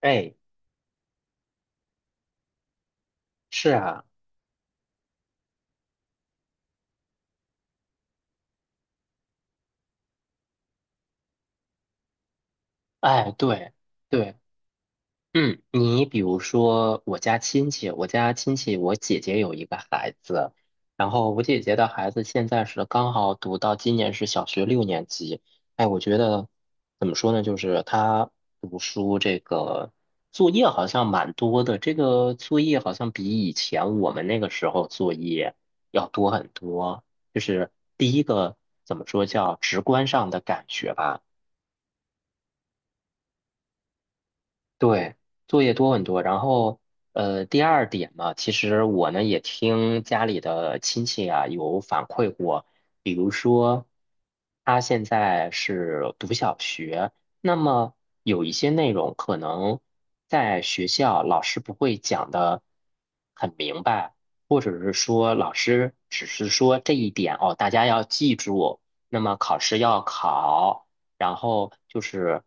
哎，是啊，哎，对，对，嗯，你比如说我家亲戚，我姐姐有一个孩子，然后我姐姐的孩子现在是刚好读到今年是小学6年级。哎，我觉得怎么说呢，就是他读书这个作业好像蛮多的，这个作业好像比以前我们那个时候作业要多很多，就是第一个怎么说叫直观上的感觉吧。对，作业多很多。然后，第二点嘛，其实我呢也听家里的亲戚啊有反馈过，比如说他现在是读小学，那么有一些内容可能在学校老师不会讲的很明白，或者是说老师只是说这一点哦，大家要记住，那么考试要考。然后就是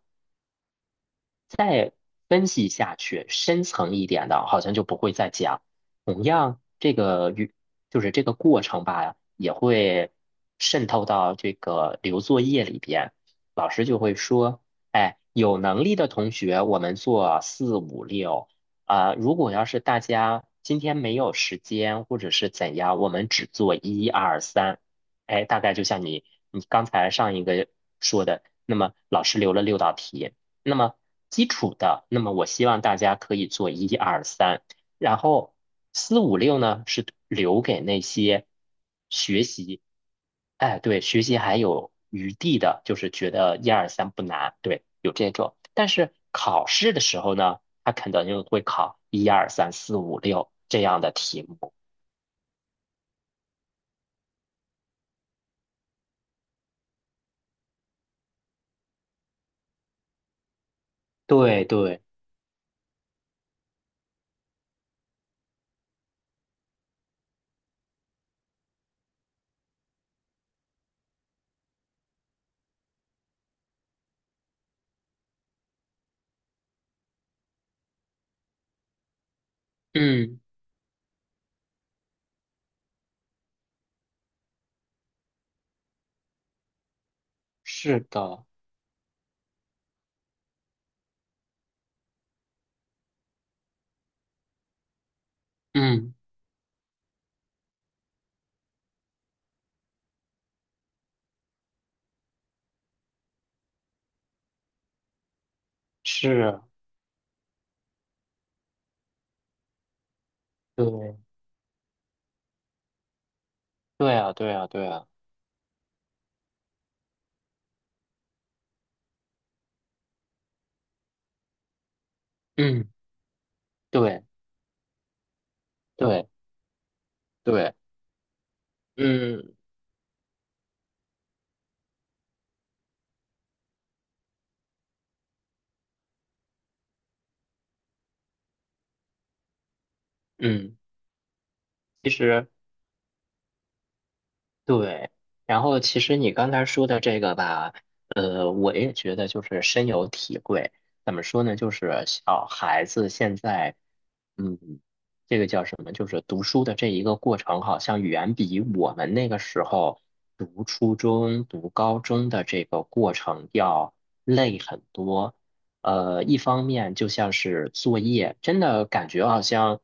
再分析下去，深层一点的，好像就不会再讲。同样，这个与就是这个过程吧，也会渗透到这个留作业里边。老师就会说，哎，有能力的同学，我们做四五六啊，如果要是大家今天没有时间或者是怎样，我们只做一二三。哎，大概就像你刚才上一个说的，那么老师留了6道题。那么基础的，那么我希望大家可以做一二三，然后四五六呢是留给那些学习，哎，对，学习还有余地的，就是觉得一二三不难，对，有这种。但是考试的时候呢，他肯定会考一二三四五六这样的题目。对对，嗯，是的，嗯，是，对，对啊，对啊，对啊，嗯，对对对。嗯嗯，其实对，然后其实你刚才说的这个吧，我也觉得就是深有体会。怎么说呢？就是小孩子现在嗯，这个叫什么？就是读书的这一个过程，好像远比我们那个时候读初中、读高中的这个过程要累很多。一方面就像是作业，真的感觉好像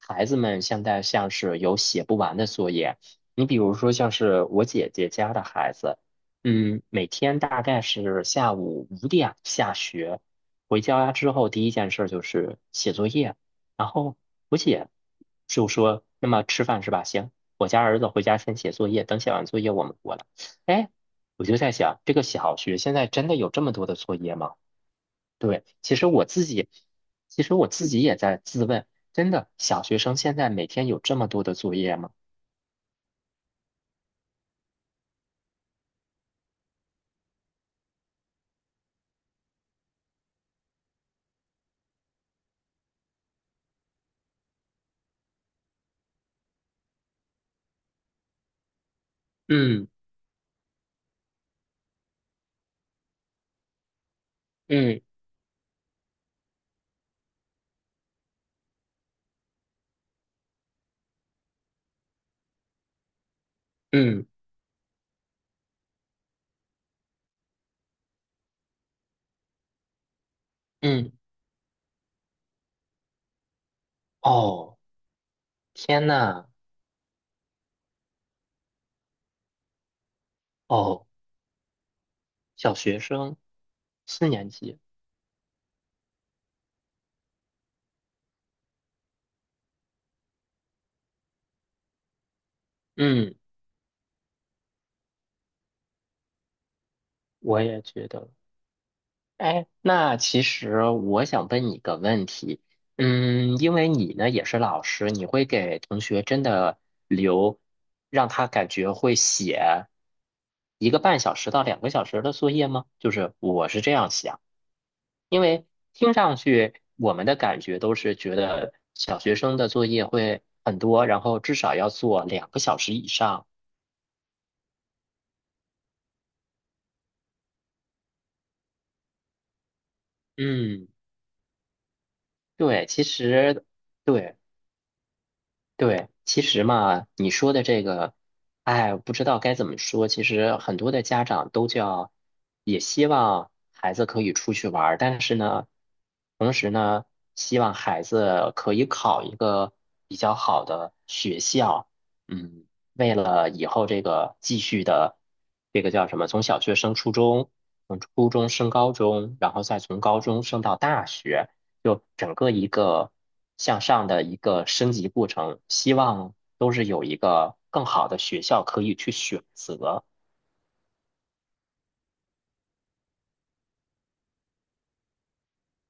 孩子们现在像是有写不完的作业。你比如说，像是我姐姐家的孩子，嗯，每天大概是下午5点下学，回家之后第一件事就是写作业。然后我姐就说：“那么吃饭是吧？行，我家儿子回家先写作业，等写完作业我们过来。”哎，我就在想，这个小学现在真的有这么多的作业吗？对，其实我自己也在自问，真的小学生现在每天有这么多的作业吗？嗯嗯嗯嗯，哦，天呐，哦，小学生4年级，嗯，我也觉得。哎，那其实我想问你一个问题，嗯，因为你呢也是老师，你会给同学真的留，让他感觉会写1个半小时到两个小时的作业吗？就是我是这样想，因为听上去我们的感觉都是觉得小学生的作业会很多，然后至少要做两个小时以上。嗯，对，其实对。对，其实嘛，你说的这个，哎，不知道该怎么说。其实很多的家长都叫，也希望孩子可以出去玩儿，但是呢，同时呢，希望孩子可以考一个比较好的学校。嗯，为了以后这个继续的，这个叫什么？从小学升初中，从初中升高中，然后再从高中升到大学。就整个一个向上的一个升级过程，希望都是有一个更好的学校可以去选择。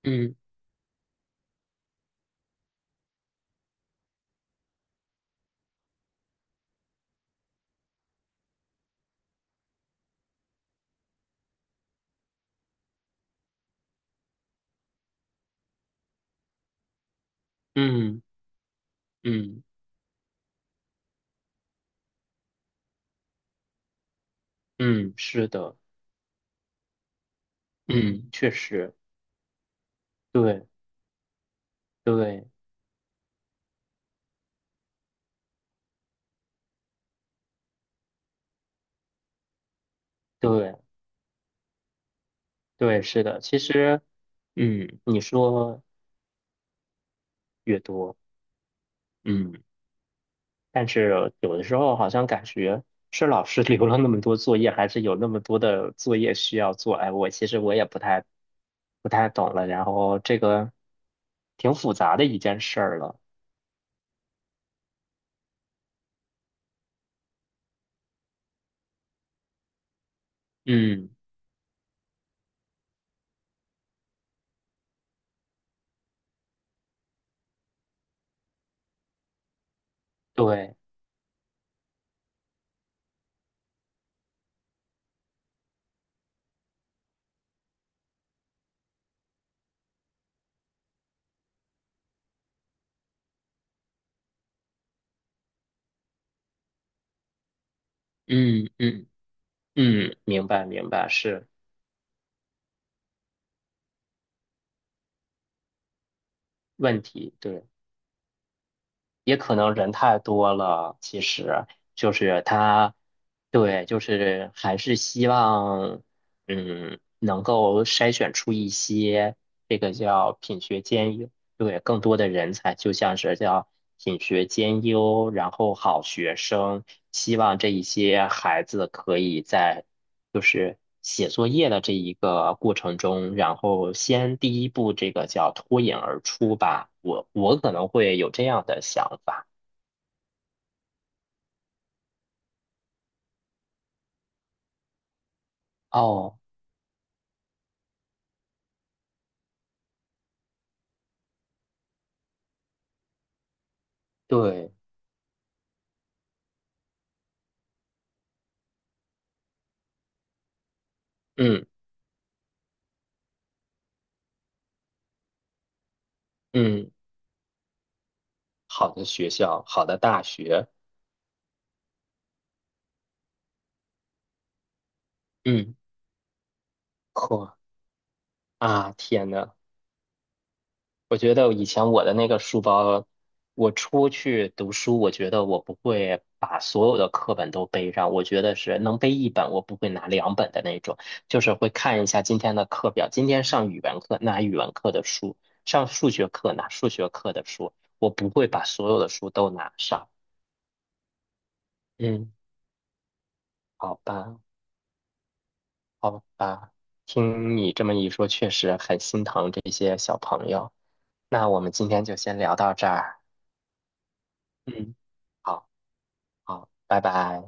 嗯嗯嗯嗯，是的，嗯，确实，对对对对，是的。其实，嗯，你说越多，嗯。但是有的时候好像感觉是老师留了那么多作业，还是有那么多的作业需要做。哎，我其实我也不太懂了。然后这个挺复杂的一件事儿了。嗯，对，嗯嗯嗯，明白明白，是问题，对。也可能人太多了，其实就是他，对，就是还是希望，嗯，能够筛选出一些这个叫品学兼优，对，更多的人才，就像是叫品学兼优，然后好学生，希望这一些孩子可以在就是写作业的这一个过程中，然后先第一步这个叫脱颖而出吧，我可能会有这样的想法。哦，对，嗯嗯，好的学校，好的大学，嗯，呵啊，天呐，我觉得以前我的那个书包，我出去读书，我觉得我不会把所有的课本都背上，我觉得是能背一本，我不会拿两本的那种，就是会看一下今天的课表，今天上语文课拿语文课的书，上数学课拿数学课的书，我不会把所有的书都拿上。嗯，好吧，好吧，听你这么一说，确实很心疼这些小朋友。那我们今天就先聊到这儿。嗯。好。好，拜拜。